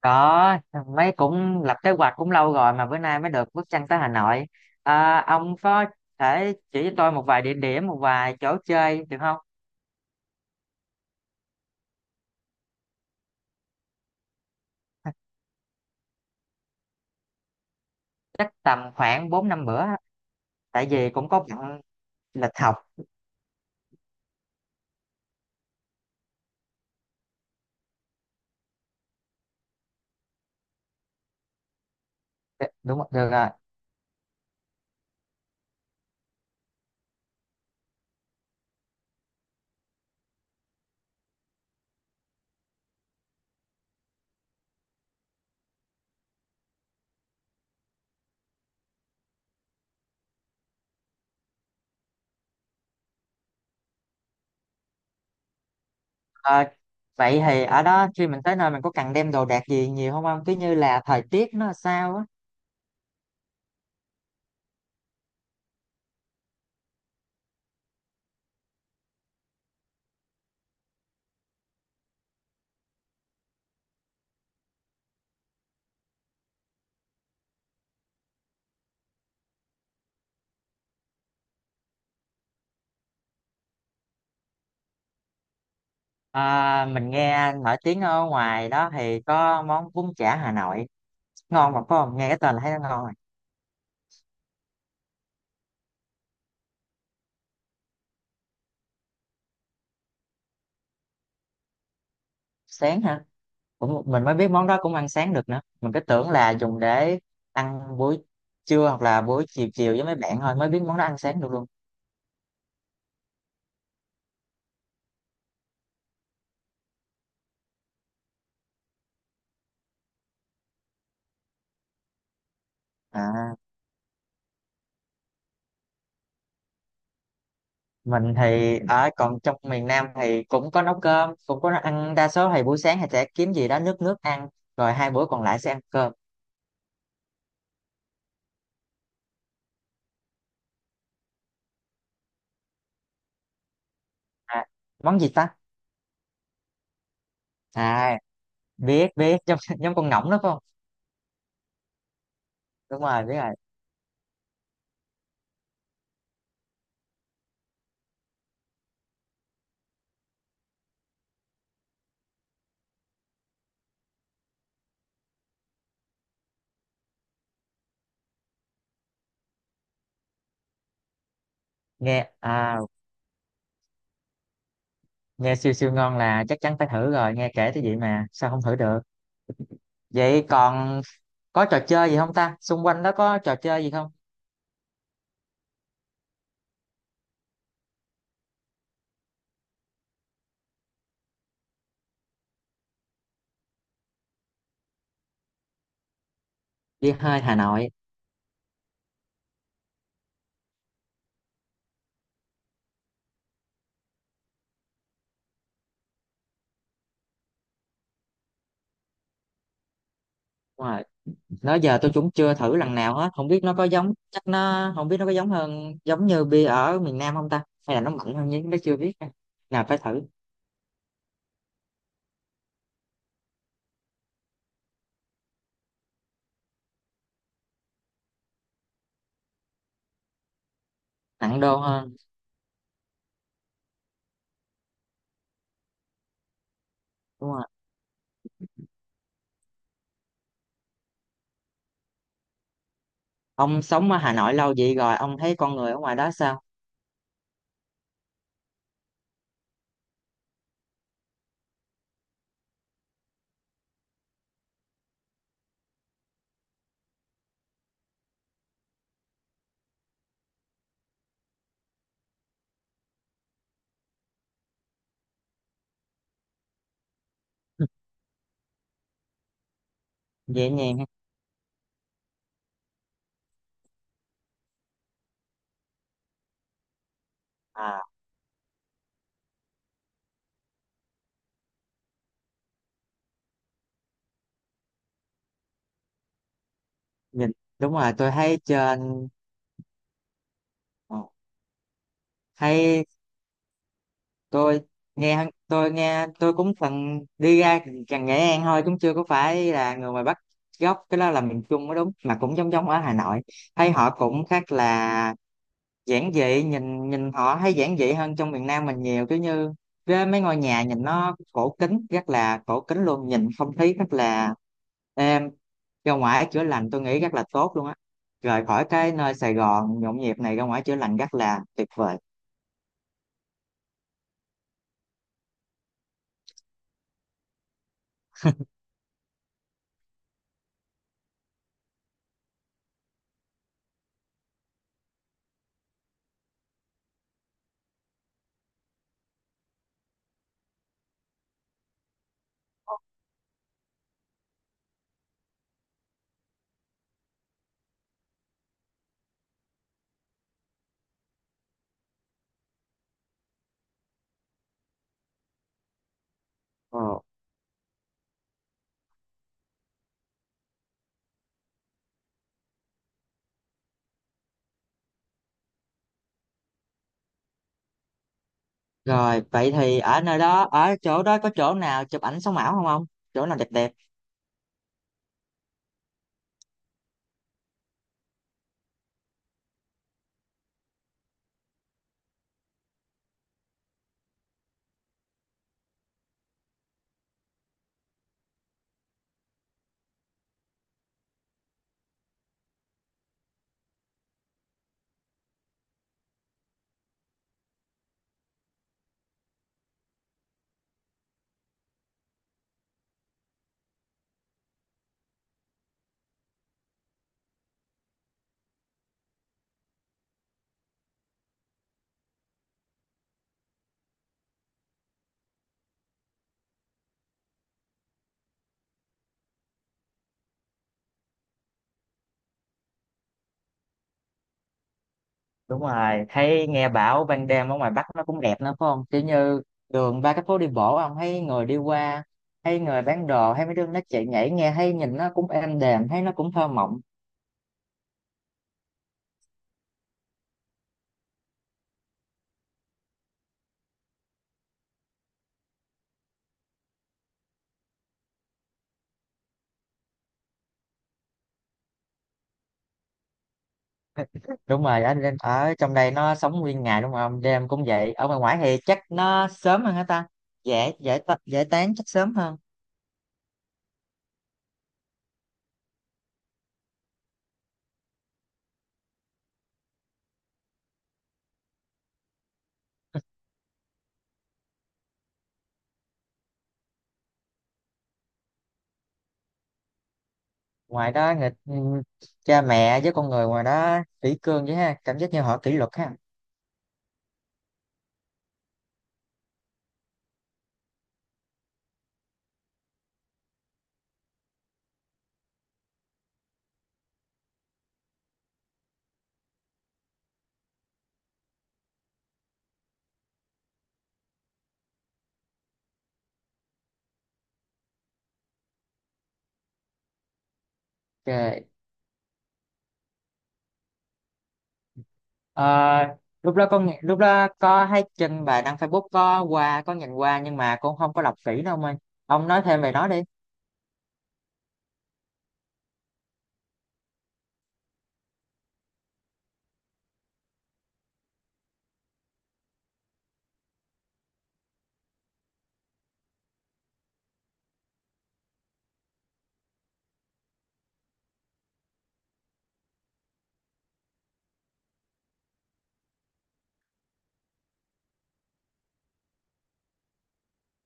Có. Mấy cũng lập kế hoạch cũng lâu rồi mà bữa nay mới được bước chân tới Hà Nội. À, ông có thể chỉ cho tôi một vài địa điểm, một vài chỗ chơi được không? Chắc tầm khoảng 4 5 bữa, tại vì cũng có bận lịch học. Đúng rồi, được rồi. À, vậy thì ở đó khi mình tới nơi mình có cần đem đồ đạc gì nhiều không ông, cứ như là thời tiết nó sao á? À, mình nghe nổi tiếng ở ngoài đó thì có món bún chả Hà Nội ngon, mà có nghe cái tên là thấy nó ngon rồi. Sáng hả? Cũng mình mới biết món đó cũng ăn sáng được nữa, mình cứ tưởng là dùng để ăn buổi trưa hoặc là buổi chiều chiều với mấy bạn, thôi mới biết món đó ăn sáng được luôn. À, mình thì ở còn trong miền Nam thì cũng có nấu cơm cũng có ăn, đa số thì buổi sáng thì sẽ kiếm gì đó nước nước ăn, rồi hai bữa còn lại sẽ ăn cơm. À, món gì ta? À, biết biết, giống giống con ngỗng đó phải không? Đúng rồi, biết rồi. Nghe à? Nghe siêu siêu ngon là chắc chắn phải thử rồi, nghe kể tới vậy mà sao không thử được. Vậy còn có trò chơi gì không ta, xung quanh đó có trò chơi gì không? Đi hơi Hà Nội. Đúng rồi, đó giờ tôi cũng chưa thử lần nào hết, không biết nó có giống, chắc nó, không biết nó có giống hơn giống như bia ở miền Nam không ta, hay là nó mạnh hơn nhưng nó chưa biết. Nào phải thử. Nặng đô hơn. Đúng rồi, ông sống ở Hà Nội lâu vậy rồi ông thấy con người ở ngoài đó sao? Dễ nhàng ha? À, nhìn đúng rồi, tôi thấy trên, ờ, thấy tôi, nghe tôi nghe tôi cũng từng đi ra gần Nghệ An thôi, cũng chưa có phải là người ngoài Bắc gốc, cái đó là miền Trung mới đúng, mà cũng giống giống ở Hà Nội. Thấy họ cũng khác, là giản dị, nhìn nhìn họ thấy giản dị hơn trong miền Nam mình nhiều, cứ như cái mấy ngôi nhà nhìn nó cổ kính, rất là cổ kính luôn, nhìn không khí rất là êm, ra ngoài chữa lành tôi nghĩ rất là tốt luôn á. Rời khỏi cái nơi Sài Gòn nhộn nhịp này ra ngoài chữa lành rất là tuyệt vời. Ờ. Rồi, vậy thì ở nơi đó, ở chỗ đó có chỗ nào chụp ảnh sống ảo không ông? Chỗ nào đẹp đẹp? Đúng rồi, thấy nghe bảo ban đêm ở ngoài Bắc nó cũng đẹp nữa phải không, kiểu như đường, ba cái phố đi bộ ông, thấy người đi qua, thấy người bán đồ, thấy mấy đứa nó chạy nhảy, nghe thấy nhìn nó cũng êm đềm, thấy nó cũng thơ mộng. Đúng rồi, ở trong đây nó sống nguyên ngày đúng không, đêm cũng vậy, ở ngoài ngoài thì chắc nó sớm hơn hả ta, dễ dễ ta- dễ tán chắc sớm hơn. Ngoài đó người, cha mẹ với con người ngoài đó kỷ cương vậy ha, cảm giác như họ kỷ luật ha. Okay. Ờ, lúc đó có thấy trên bài đăng Facebook, có qua có nhìn qua nhưng mà con không có đọc kỹ đâu ông ơi, ông nói thêm về nó đi.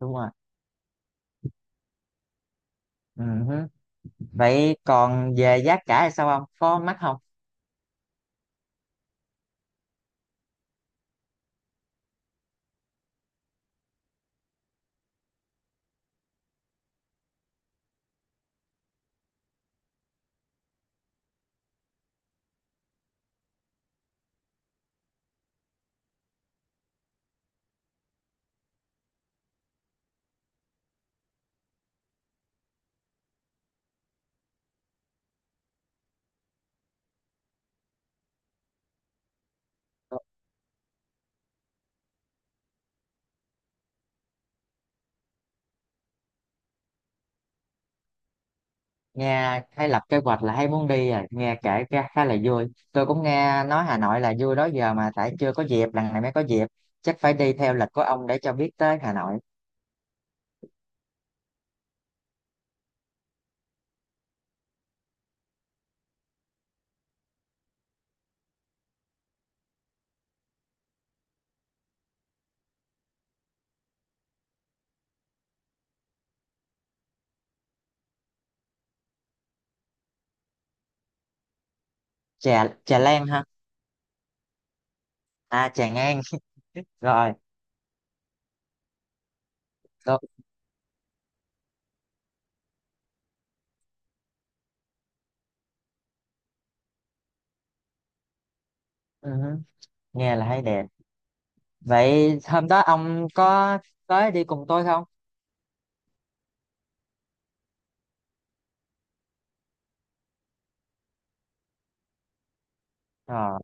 Đúng rồi. Ừ hứ. Vậy còn về giá cả thì sao, ông có mắc không? Nghe hay lập kế hoạch là hay muốn đi à, nghe kể ra khá là vui, tôi cũng nghe nói Hà Nội là vui đó giờ mà, tại chưa có dịp, lần này mới có dịp. Chắc phải đi theo lịch của ông để cho biết tới Hà Nội. Chè chè len ha? À, chè ngang. Rồi. Tôi, ừ, nghe là thấy đẹp. Vậy hôm đó ông có tới đi cùng tôi không? Ờ,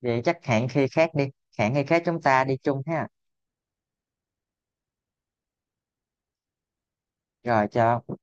vậy chắc hẹn khi khác đi, hẹn khi khác chúng ta đi chung ha. Rồi, chào ông.